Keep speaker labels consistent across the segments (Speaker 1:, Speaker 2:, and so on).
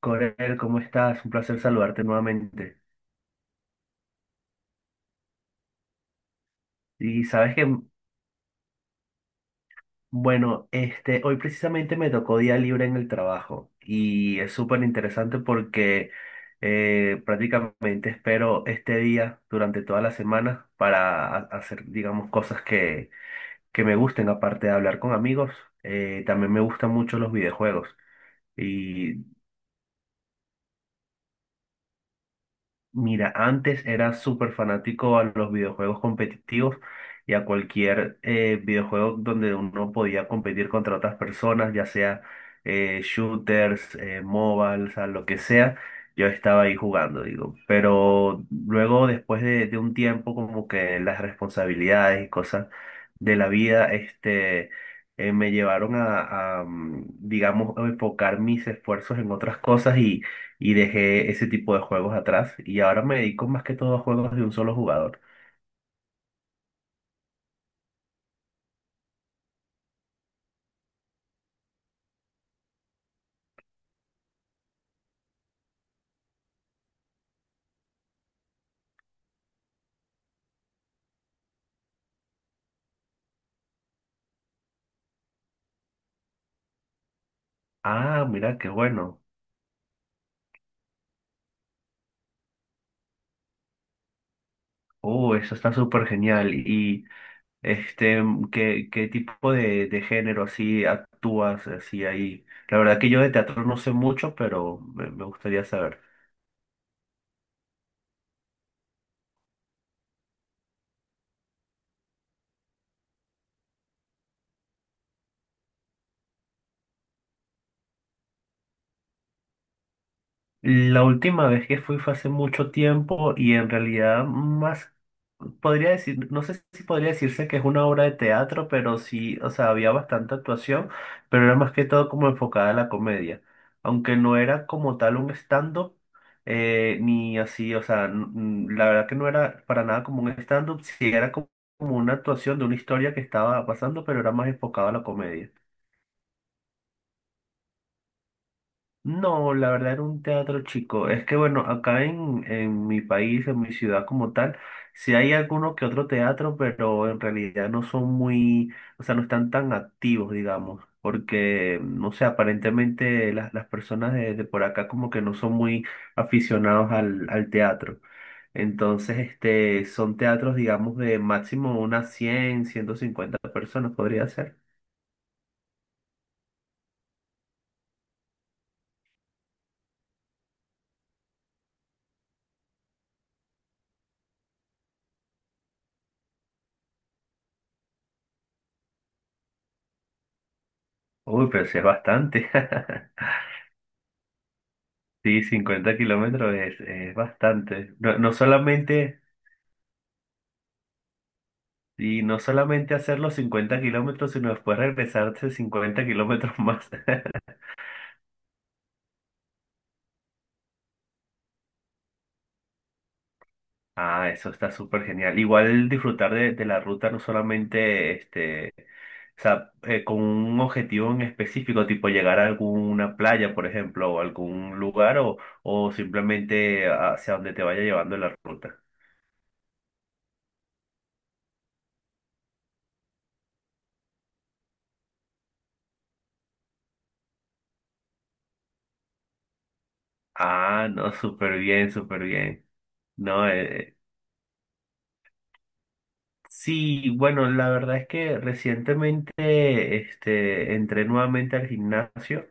Speaker 1: Corel, ¿cómo estás? Un placer saludarte nuevamente. Y sabes que, bueno, hoy precisamente me tocó día libre en el trabajo y es súper interesante porque prácticamente espero este día durante toda la semana para hacer, digamos, cosas que me gusten, aparte de hablar con amigos. También me gustan mucho los videojuegos. Y mira, antes era súper fanático a los videojuegos competitivos y a cualquier videojuego donde uno podía competir contra otras personas, ya sea shooters, mobile, o sea, lo que sea, yo estaba ahí jugando, digo. Pero luego, después de un tiempo, como que las responsabilidades y cosas de la vida, me llevaron digamos, a enfocar mis esfuerzos en otras cosas y dejé ese tipo de juegos atrás y ahora me dedico más que todo a juegos de un solo jugador. Ah, mira, qué bueno. Oh, eso está súper genial. Y ¿qué, qué tipo de género así actúas así ahí? La verdad que yo de teatro no sé mucho, pero me gustaría saber. La última vez que fui fue hace mucho tiempo y en realidad más podría decir, no sé si podría decirse que es una obra de teatro, pero sí, o sea, había bastante actuación, pero era más que todo como enfocada a la comedia. Aunque no era como tal un stand-up, ni así, o sea, la verdad que no era para nada como un stand-up, sí era como una actuación de una historia que estaba pasando, pero era más enfocada a la comedia. No, la verdad era un teatro chico. Es que bueno, acá en mi país, en mi ciudad como tal, sí hay alguno que otro teatro, pero en realidad no son muy, o sea, no están tan activos, digamos, porque, no sé, aparentemente las personas de por acá como que no son muy aficionados al teatro. Entonces, son teatros, digamos, de máximo unas 100, 150 personas podría ser. Uy, pero sí es bastante. Sí, 50 kilómetros es bastante. No, no solamente, y no solamente hacer los 50 kilómetros, sino después regresarse 50 kilómetros más. Ah, eso está súper genial. Igual disfrutar de la ruta, no solamente o sea, con un objetivo en específico, tipo llegar a alguna playa, por ejemplo, o algún lugar, o simplemente hacia donde te vaya llevando la ruta. Ah, no, súper bien, súper bien. No, sí, bueno, la verdad es que recientemente entré nuevamente al gimnasio.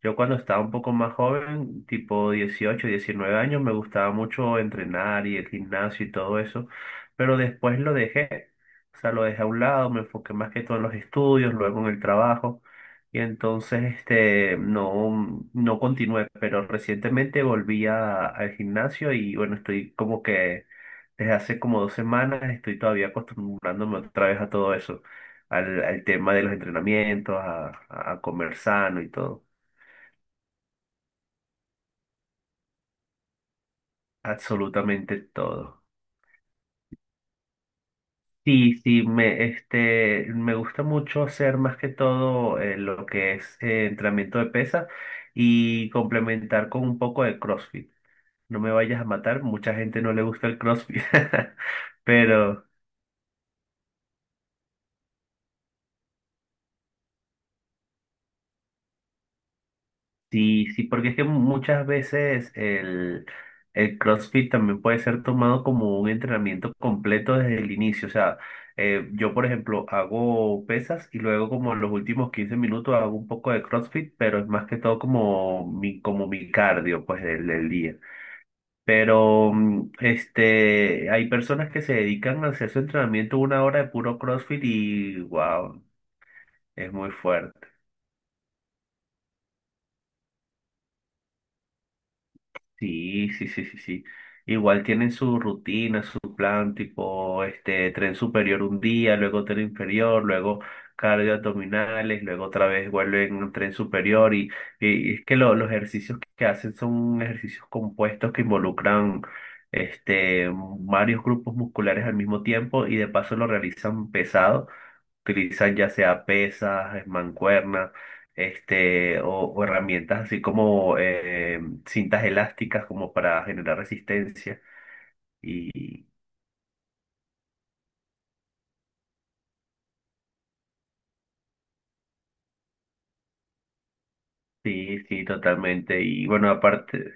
Speaker 1: Yo cuando estaba un poco más joven, tipo 18 19 años, me gustaba mucho entrenar y el gimnasio y todo eso, pero después lo dejé, o sea, lo dejé a un lado, me enfoqué más que todo en los estudios, luego en el trabajo, y entonces no, no continué, pero recientemente volví al gimnasio y bueno, estoy como que desde hace como 2 semanas estoy todavía acostumbrándome otra vez a todo eso, al tema de los entrenamientos, a comer sano y todo. Absolutamente todo. Sí, sí, me gusta mucho hacer más que todo lo que es entrenamiento de pesa y complementar con un poco de CrossFit. No me vayas a matar, mucha gente no le gusta el CrossFit, pero... Sí, sí, porque es que muchas veces el CrossFit también puede ser tomado como un entrenamiento completo desde el inicio. O sea, yo, por ejemplo, hago pesas y luego como en los últimos 15 minutos hago un poco de CrossFit, pero es más que todo como mi cardio, pues, del día. Pero hay personas que se dedican a hacer su entrenamiento una hora de puro CrossFit y wow, es muy fuerte. Sí, sí, sí, sí, sí. Igual tienen su rutina, su plan, tipo, tren superior un día, luego tren inferior, luego cardio abdominales, luego otra vez vuelven a tren superior y es que los ejercicios que hacen son ejercicios compuestos que involucran, este, varios grupos musculares al mismo tiempo y de paso lo realizan pesado utilizan ya sea pesas, mancuernas, o herramientas así como cintas elásticas como para generar resistencia. Y sí, sí, totalmente. Y bueno, aparte,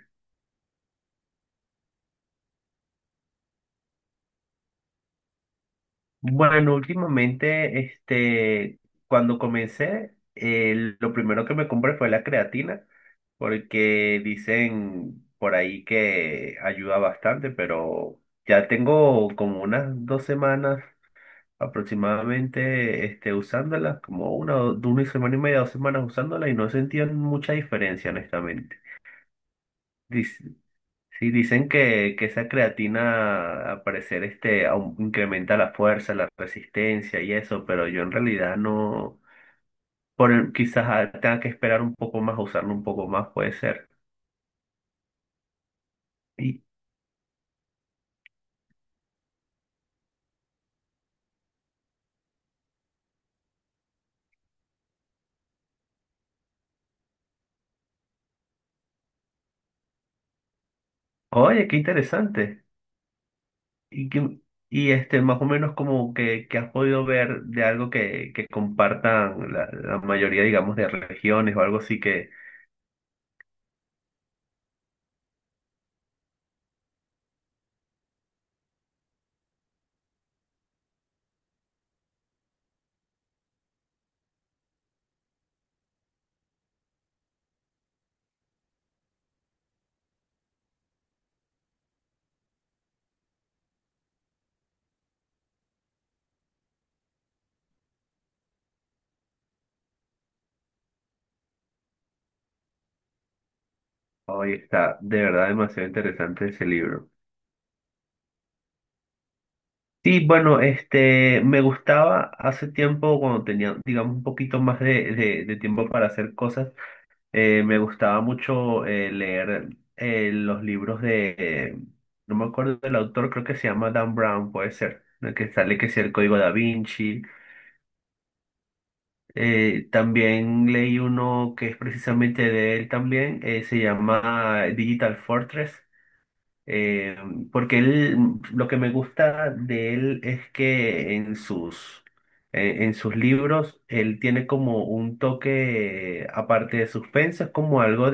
Speaker 1: bueno, últimamente, cuando comencé, lo primero que me compré fue la creatina, porque dicen por ahí que ayuda bastante, pero ya tengo como unas 2 semanas aproximadamente usándolas como una, de una semana y media, 2 semanas usándolas y no sentían mucha diferencia, honestamente. Dic- sí, dicen que esa creatina, al parecer, incrementa la fuerza, la resistencia y eso, pero yo en realidad no, por, quizás tenga que esperar un poco más, usarlo un poco más, puede ser. Y, oye, qué interesante. Y, que- y, más o menos como que has podido ver de algo que compartan la mayoría, digamos, de regiones o algo así, que hoy está de verdad demasiado interesante ese libro. Sí, bueno, me gustaba hace tiempo cuando tenía, digamos, un poquito más de tiempo para hacer cosas, me gustaba mucho leer los libros de, no me acuerdo del autor, creo que se llama Dan Brown, puede ser, el que sale que sea el Código Da Vinci. También leí uno que es precisamente de él también, se llama Digital Fortress, eh, porque él, lo que me gusta de él es que en sus, en sus libros él tiene como un toque, aparte de suspenso, es como algo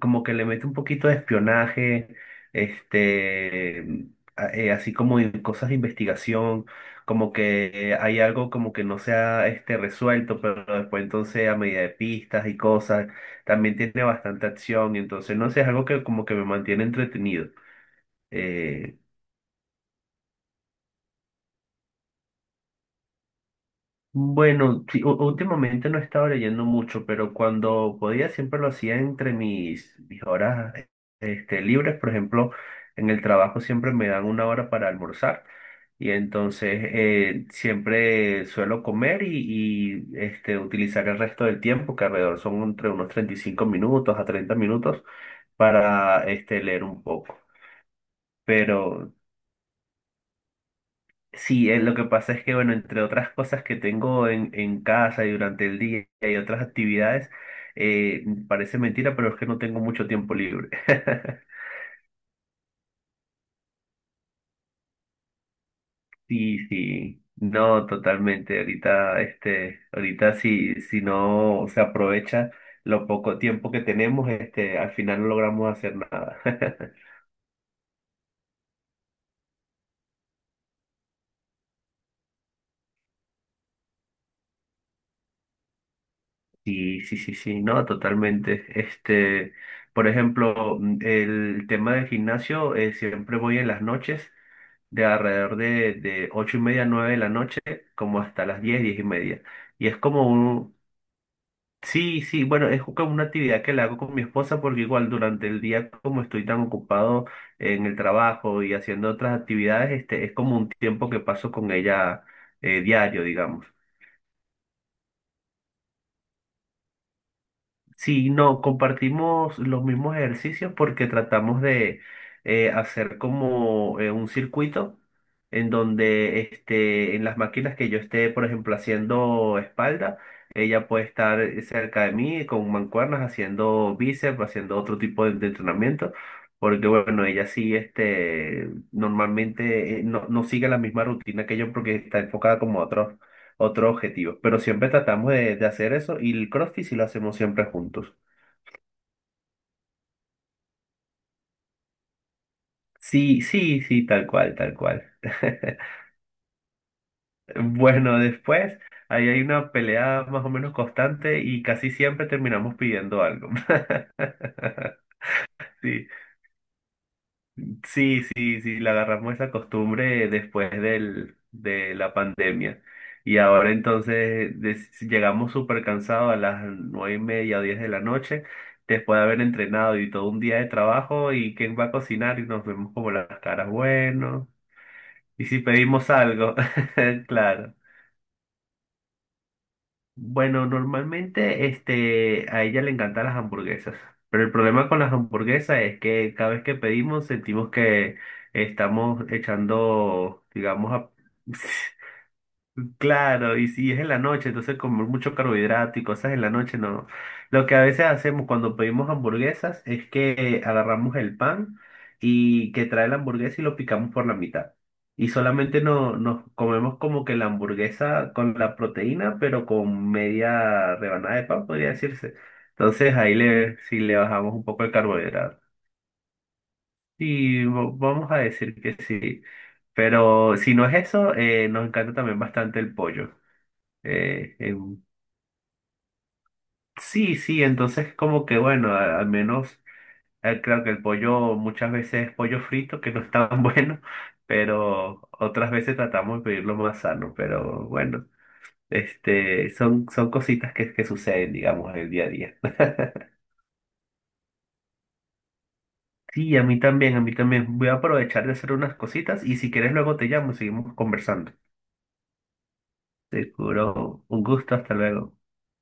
Speaker 1: como que le mete un poquito de espionaje, este, así como en cosas de investigación, como que hay algo como que no se ha resuelto, pero después entonces a medida de pistas y cosas, también tiene bastante acción, y entonces no sé, es algo que como que me mantiene entretenido. Eh, Bueno, sí, últimamente no he estado leyendo mucho, pero cuando podía siempre lo hacía entre mis horas libres. Por ejemplo, en el trabajo siempre me dan una hora para almorzar y entonces siempre suelo comer y utilizar el resto del tiempo, que alrededor son entre unos 35 minutos a 30 minutos, para leer un poco. Pero sí, lo que pasa es que, bueno, entre otras cosas que tengo en casa y durante el día y otras actividades, parece mentira, pero es que no tengo mucho tiempo libre. Sí, sí, no, totalmente. Ahorita, ahorita si no se aprovecha lo poco tiempo que tenemos, al final no logramos hacer nada. Sí, sí, sí, sí, no, totalmente. Por ejemplo, el tema del gimnasio, siempre voy en las noches de alrededor de 8:30, 9 de la noche, como hasta las 10, 10:30. Y es como un... Sí, sí, bueno, es como una actividad que la hago con mi esposa porque igual durante el día, como estoy tan ocupado en el trabajo y haciendo otras actividades, es como un tiempo que paso con ella diario, digamos. Sí, no, compartimos los mismos ejercicios porque tratamos de hacer como un circuito en donde en las máquinas que yo esté, por ejemplo, haciendo espalda, ella puede estar cerca de mí con mancuernas haciendo bíceps, haciendo otro tipo de entrenamiento, porque bueno, ella sí normalmente no, no sigue la misma rutina que yo porque está enfocada como a otros otro objetivo. Pero siempre tratamos de hacer eso y el CrossFit sí lo hacemos siempre juntos. Sí, sí, sí, tal cual, tal cual. Bueno, después ahí hay una pelea más o menos constante y casi siempre terminamos pidiendo algo. Sí, sí, sí, sí, le agarramos esa costumbre después de la pandemia. Y ahora entonces llegamos súper cansados a las 9:30, 10 de la noche, después de haber entrenado y todo un día de trabajo, y quién va a cocinar y nos vemos como las caras, bueno, y si pedimos algo, claro. Bueno, normalmente a ella le encantan las hamburguesas, pero el problema con las hamburguesas es que cada vez que pedimos sentimos que estamos echando, digamos, a... Claro, y si es en la noche, entonces comer mucho carbohidrato y cosas en la noche, no. Lo que a veces hacemos cuando pedimos hamburguesas es que agarramos el pan y que trae la hamburguesa y lo picamos por la mitad. Y solamente no, nos comemos como que la hamburguesa con la proteína, pero con media rebanada de pan, podría decirse. Entonces ahí le, sí le bajamos un poco el carbohidrato. Y vamos a decir que sí. Pero si no es eso, nos encanta también bastante el pollo. Eh, em, sí, sí, entonces como que bueno, al menos creo que el pollo muchas veces es pollo frito, que no es tan bueno, pero otras veces tratamos de pedirlo más sano, pero bueno, son cositas que suceden, digamos, en el día a día. Sí, a mí también, a mí también. Voy a aprovechar de hacer unas cositas y si quieres luego te llamo seguimos conversando. Seguro, un gusto, hasta luego.